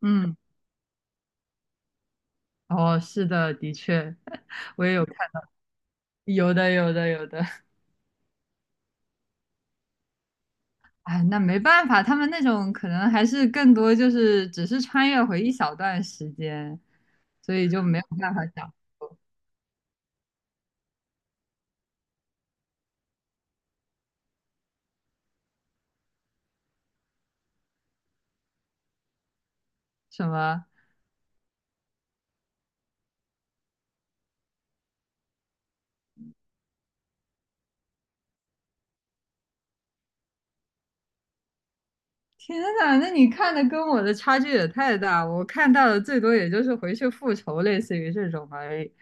嗯，哦，是的，的确，我也有看，有的，有的，有的。哎，那没办法，他们那种可能还是更多就是只是穿越回一小段时间，所以就没有办法讲什么。天呐，那你看的跟我的差距也太大，我看到的最多也就是回去复仇，类似于这种而已。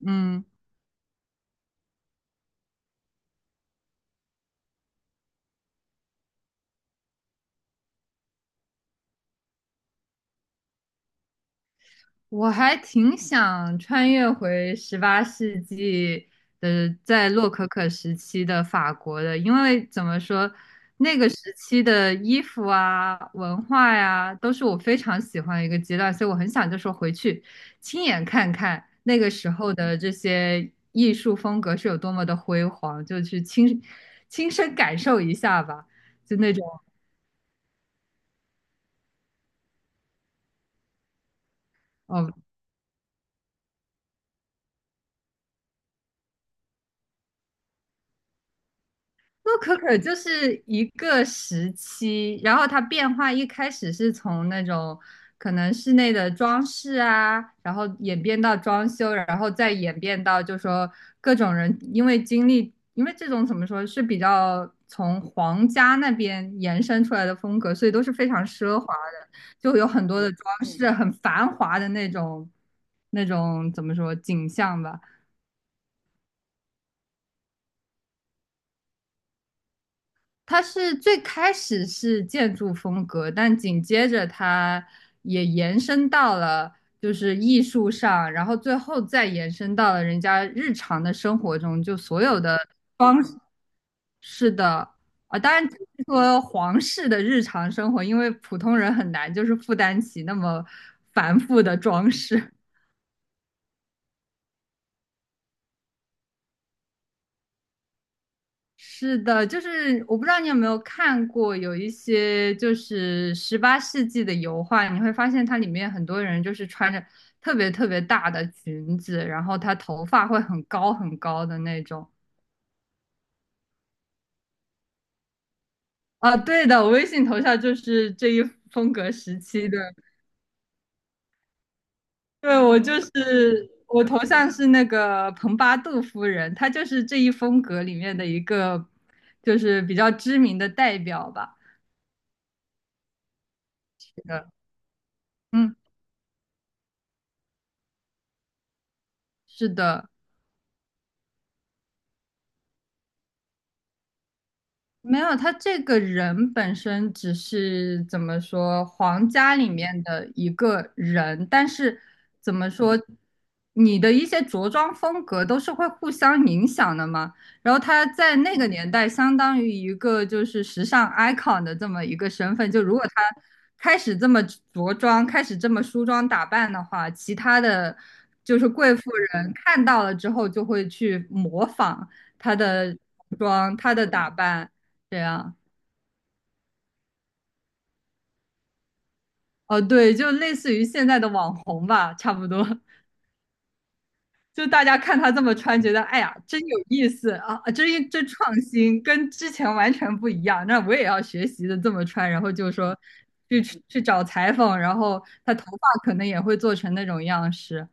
嗯。我还挺想穿越回十八世纪的，在洛可可时期的法国的，因为怎么说，那个时期的衣服啊、文化呀、都是我非常喜欢的一个阶段，所以我很想就说回去亲眼看看那个时候的这些艺术风格是有多么的辉煌，就去亲身感受一下吧，就那种。哦，洛可可就是一个时期，然后它变化一开始是从那种可能室内的装饰啊，然后演变到装修，然后再演变到就说各种人因为经历，因为这种怎么说是比较从皇家那边延伸出来的风格，所以都是非常奢华的，就有很多的装饰，很繁华的那种怎么说景象吧。它是最开始是建筑风格，但紧接着它也延伸到了就是艺术上，然后最后再延伸到了人家日常的生活中，就所有的装饰的啊，当然只是说皇室的日常生活，因为普通人很难就是负担起那么繁复的装饰。是的，就是我不知道你有没有看过，有一些就是十八世纪的油画，你会发现它里面很多人就是穿着特别特别大的裙子，然后他头发会很高很高的那种。啊，对的，我微信头像就是这一风格时期的。对，我头像是那个蓬巴杜夫人，她就是这一风格里面的一个，就是比较知名的代表吧。是的，嗯，是的。没有，他这个人本身只是怎么说，皇家里面的一个人，但是怎么说，你的一些着装风格都是会互相影响的嘛。然后他在那个年代，相当于一个就是时尚 icon 的这么一个身份。就如果他开始这么着装，开始这么梳妆打扮的话，其他的就是贵妇人看到了之后就会去模仿他的服装、他的打扮。对啊？哦，对，就类似于现在的网红吧，差不多。就大家看他这么穿，觉得哎呀，真有意思啊，啊真创新，跟之前完全不一样。那我也要学习的这么穿，然后就说去去找裁缝，然后他头发可能也会做成那种样式。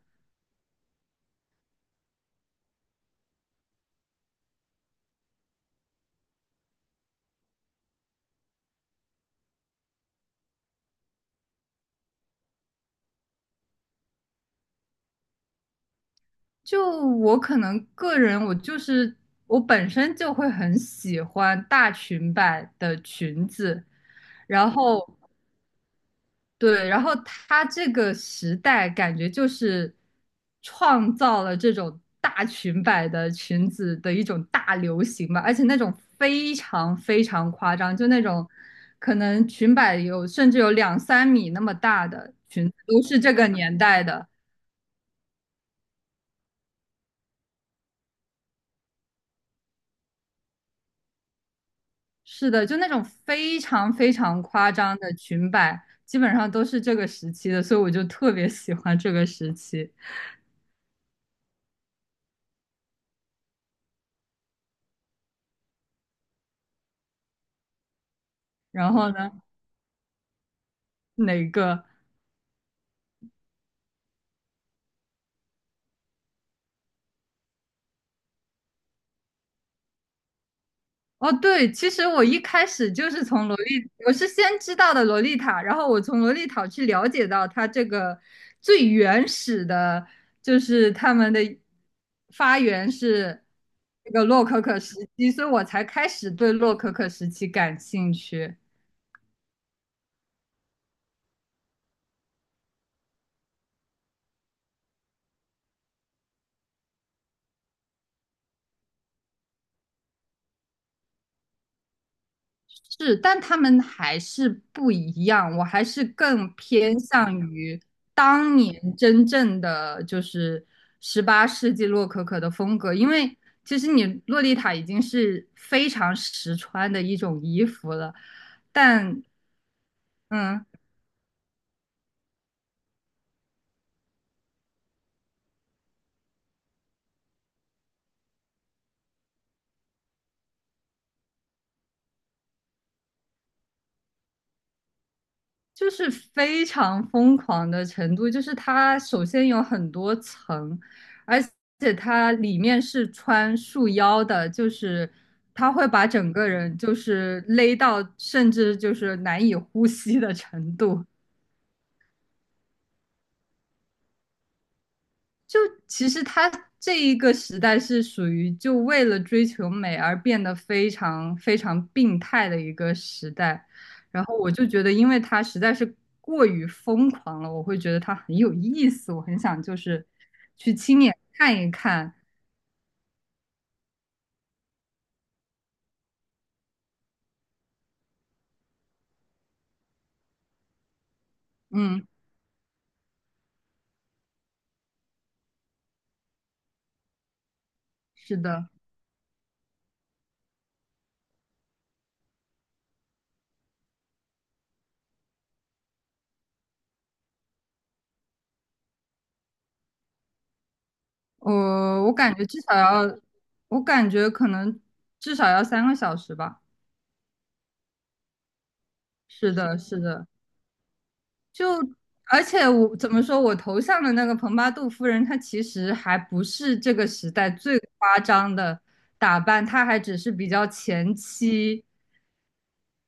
就我可能个人，我就是我本身就会很喜欢大裙摆的裙子，然后对，然后他这个时代感觉就是创造了这种大裙摆的裙子的一种大流行吧，而且那种非常非常夸张，就那种可能裙摆有甚至有两三米那么大的裙子都是这个年代的。是的，就那种非常非常夸张的裙摆，基本上都是这个时期的，所以我就特别喜欢这个时期。然后呢，哪个？哦，对，其实我一开始就是从洛丽，我是先知道的洛丽塔，然后我从洛丽塔去了解到它这个最原始的，就是他们的发源是那个洛可可时期，所以我才开始对洛可可时期感兴趣。是，但他们还是不一样，我还是更偏向于当年真正的就是十八世纪洛可可的风格，因为其实你洛丽塔已经是非常实穿的一种衣服了，但嗯，就是非常疯狂的程度，就是它首先有很多层，而且它里面是穿束腰的，就是它会把整个人就是勒到甚至就是难以呼吸的程度。就其实他这一个时代是属于就为了追求美而变得非常非常病态的一个时代，然后我就觉得，因为他实在是过于疯狂了，我会觉得他很有意思，我很想就是去亲眼看一看。嗯，是的，我感觉至少要，我感觉可能至少要三个小时吧。是的，是的。就而且我怎么说，我头像的那个蓬巴杜夫人，她其实还不是这个时代最夸张的打扮，她还只是比较前期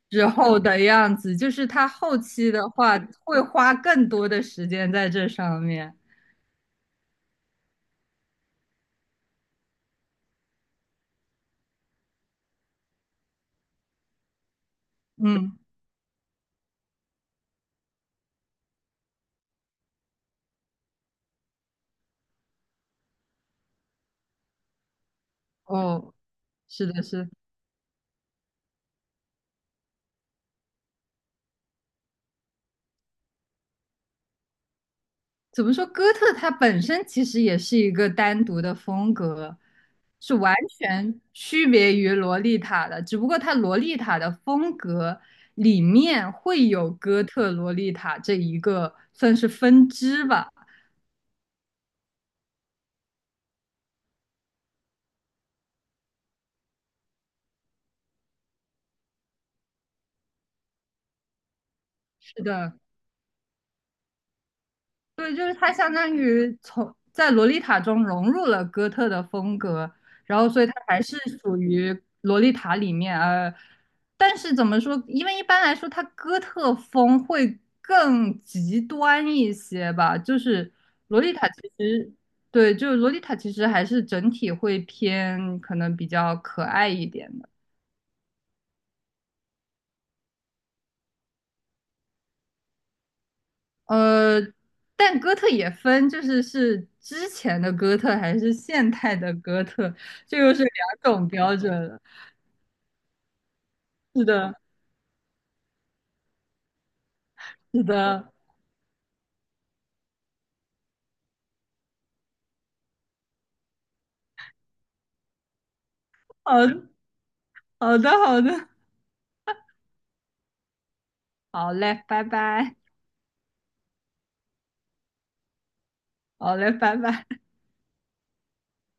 之后的样子，就是她后期的话会花更多的时间在这上面。嗯，哦，是的，是的怎么说？哥特它本身其实也是一个单独的风格，是完全区别于洛丽塔的。只不过它洛丽塔的风格里面会有哥特洛丽塔这一个算是分支吧。是的，对，就是他相当于从在《洛丽塔》中融入了哥特的风格，然后所以他还是属于《洛丽塔》里面但是怎么说？因为一般来说，它哥特风会更极端一些吧。就是《洛丽塔》其实对，就是《洛丽塔》其实还是整体会偏可能比较可爱一点的。呃，但哥特也分，就是是之前的哥特还是现代的哥特，这又是两种标准了。是的，是的，好，好的，好的，好嘞，拜拜，好嘞，拜拜。